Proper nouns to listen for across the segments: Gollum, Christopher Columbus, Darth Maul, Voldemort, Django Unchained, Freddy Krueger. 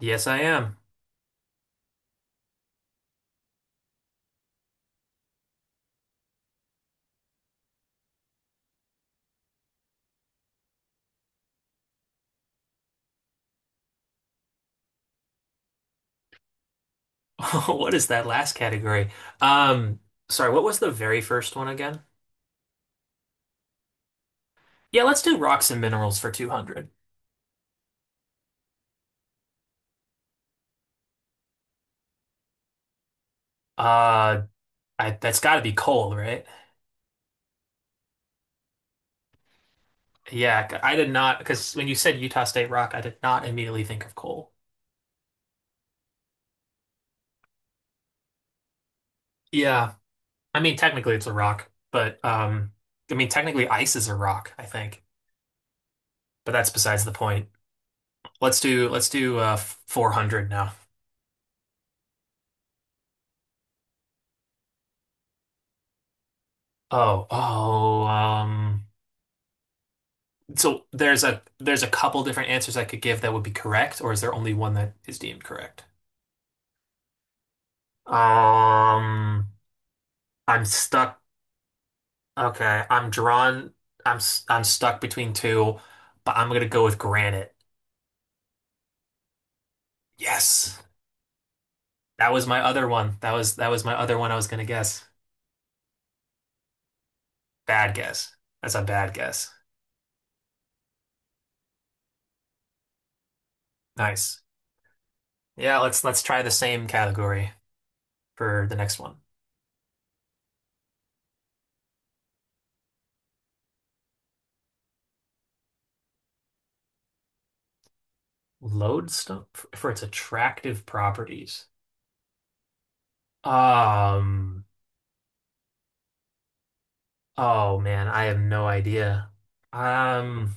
Yes, I am. What is that last category? Um, sorry, what was the very first one again? Yeah, let's do rocks and minerals for 200. Uh, that's got to be coal, right? Yeah, I did not, because when you said Utah State rock, I did not immediately think of coal. Yeah, I mean, technically it's a rock, but I mean, technically ice is a rock, I think, but that's besides the point. Let's do 400 now. Oh, oh. So there's a couple different answers I could give that would be correct, or is there only one that is deemed correct? Um, I'm stuck. Okay, I'm drawn. I'm stuck between two, but I'm gonna go with granite. Yes, that was my other one. That was my other one I was gonna guess. Bad guess. That's a bad guess. Nice. Yeah, let's try the same category for the next one. Lodestone for its attractive properties. Um. Oh man, I have no idea. Um,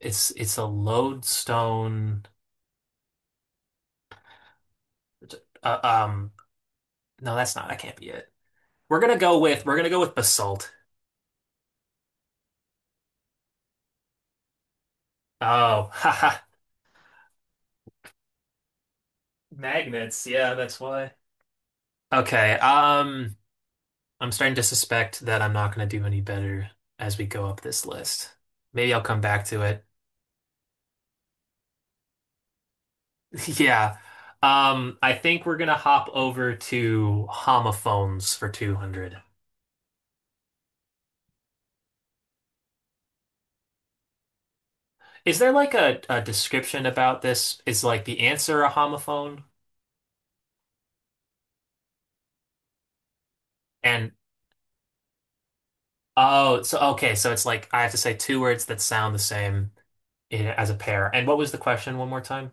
it's a lodestone. Uh, um, no, that's not. That can't be it. We're gonna go with basalt. Oh, haha, magnets. Yeah, that's why. Okay. I'm starting to suspect that I'm not gonna do any better as we go up this list. Maybe I'll come back to it. Yeah. I think we're gonna hop over to homophones for 200. Is there like a description about this? Is like the answer a homophone? And oh, so okay, so it's like I have to say two words that sound the same in, as a pair. And what was the question one more time?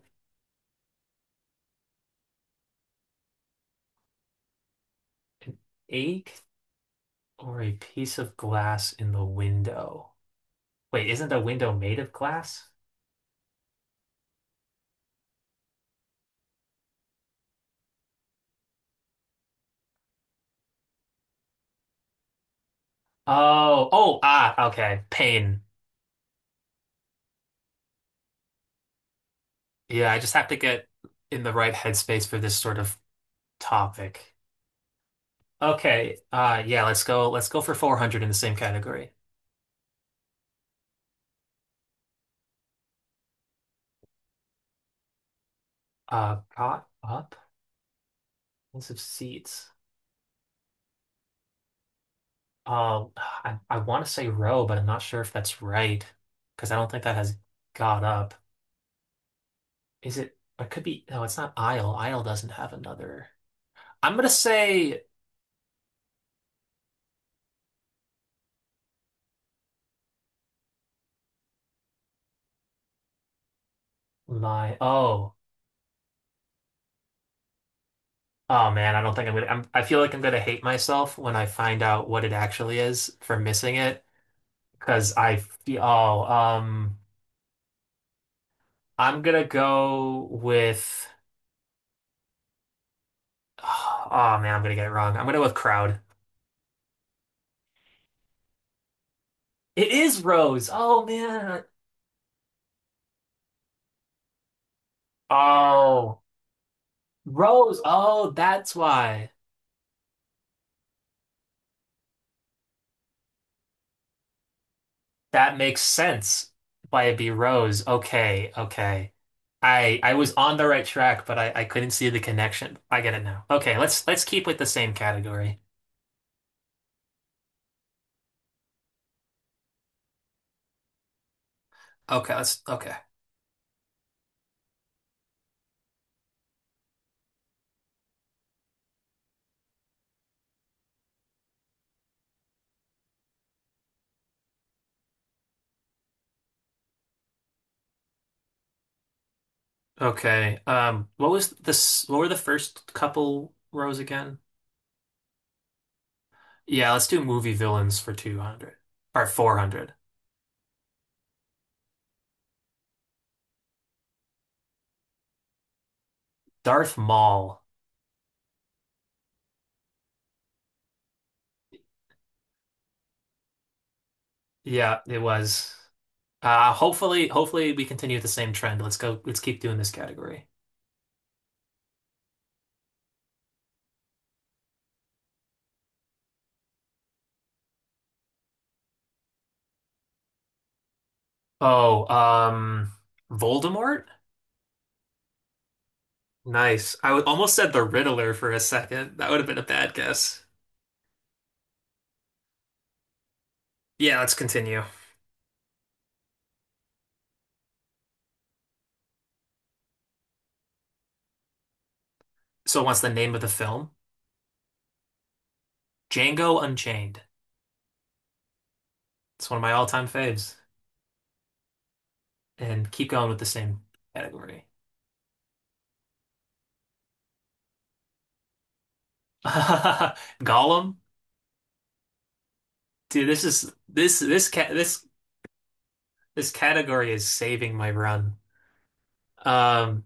Ache or a piece of glass in the window? Wait, isn't a window made of glass? Oh, oh, ah, okay. Pain. Yeah, I just have to get in the right headspace for this sort of topic. Okay, yeah, let's go for 400 in the same category. Caught up. Expensive seats. I want to say row, but I'm not sure if that's right because I don't think that has got up. Is it? It could be. No, it's not aisle. Aisle doesn't have another. I'm gonna say my. Oh, oh man, I don't think I'm gonna. I feel like I'm gonna hate myself when I find out what it actually is for missing it because I feel. Oh, I'm gonna go with. Oh man, I'm gonna get it wrong. I'm gonna go with crowd. It is rows. Oh man. Oh. Rose. Oh, that's why. That makes sense. Why it'd be Rose. Okay, okay. I was on the right track, but I couldn't see the connection. I get it now. Okay, let's keep with the same category. Okay, let's okay. Okay. What was this? What were the first couple rows again? Yeah, let's do movie villains for 200 or 400. Darth Maul. Yeah, it was. Hopefully we continue the same trend. Let's go. Let's keep doing this category. Oh, Voldemort? Nice. I would almost said the Riddler for a second. That would have been a bad guess. Yeah, let's continue. So, what's the name of the film? Django Unchained. It's one of my all-time faves. And keep going with the same category. Gollum? Dude, this is this this cat this this category is saving my run. Um,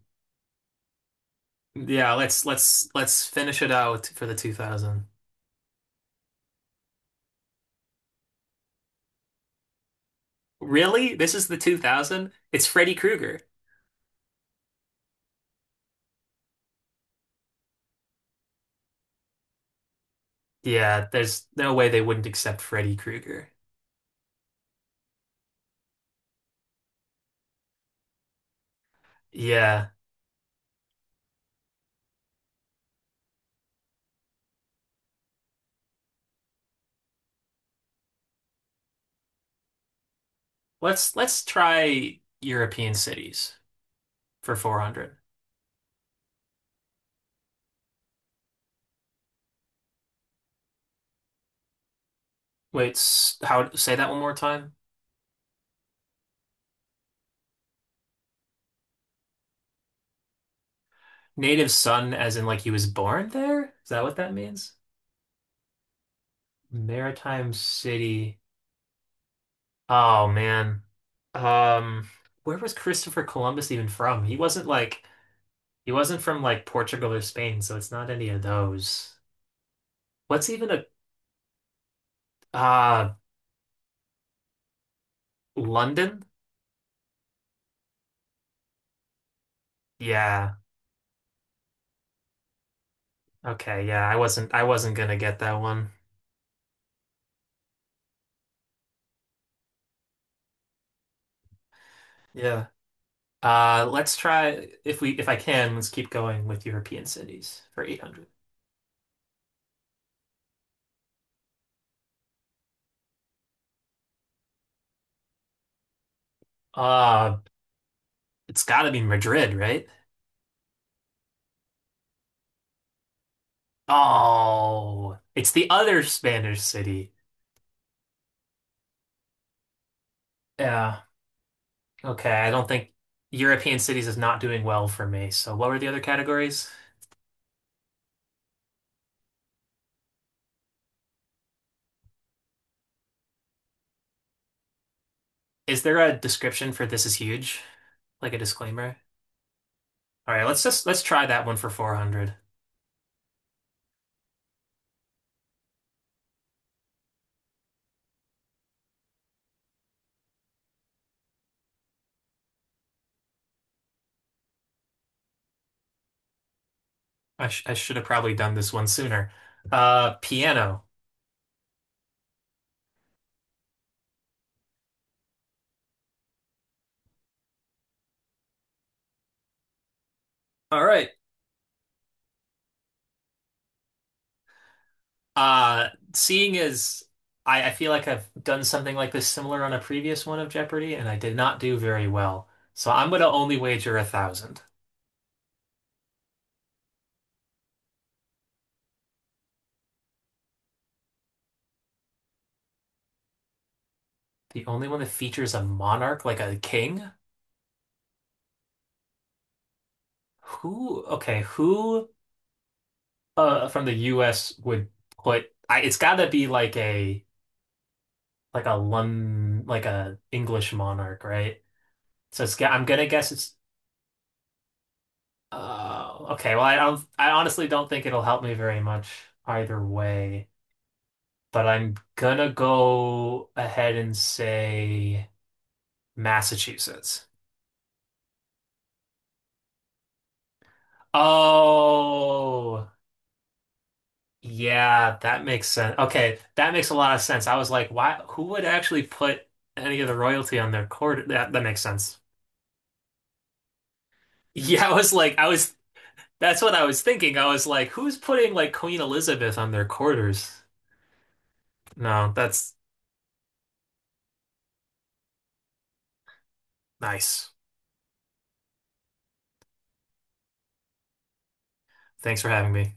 yeah, let's finish it out for the 2000. Really? This is the 2000? It's Freddy Krueger. Yeah, there's no way they wouldn't accept Freddy Krueger. Yeah. Let's try European cities for 400. Wait, how say that one more time? Native son as in like he was born there? Is that what that means? Maritime city. Oh man. Um where was Christopher Columbus even from? He wasn't from like Portugal or Spain, so it's not any of those. What's even a uh London? Yeah. Okay, yeah, I wasn't gonna get that one. Yeah. Let's try if I can, let's keep going with European cities for 800. Uh, it's gotta be Madrid, right? Oh, it's the other Spanish city. Yeah. Okay, I don't think European cities is not doing well for me. So what were the other categories? Is there a description for this is huge? Like a disclaimer? All right, let's try that one for 400. I should have probably done this one sooner. Piano. All right. Seeing as I feel like I've done something like this similar on a previous one of Jeopardy, and I did not do very well. So I'm gonna only wager 1,000. The only one that features a monarch like a king? Who, okay, who from the US would put I it's gotta be like a Lon like a English monarch, right? So it's, I'm gonna guess it's okay, well I don't, I honestly don't think it'll help me very much either way. But I'm gonna go ahead and say Massachusetts. Oh, yeah, that makes sense. Okay, that makes a lot of sense. I was like, why, who would actually put any of the royalty on their court? That makes sense. Yeah, I was like, that's what I was thinking. I was like, who's putting like Queen Elizabeth on their quarters? No, that's nice. Thanks for having me.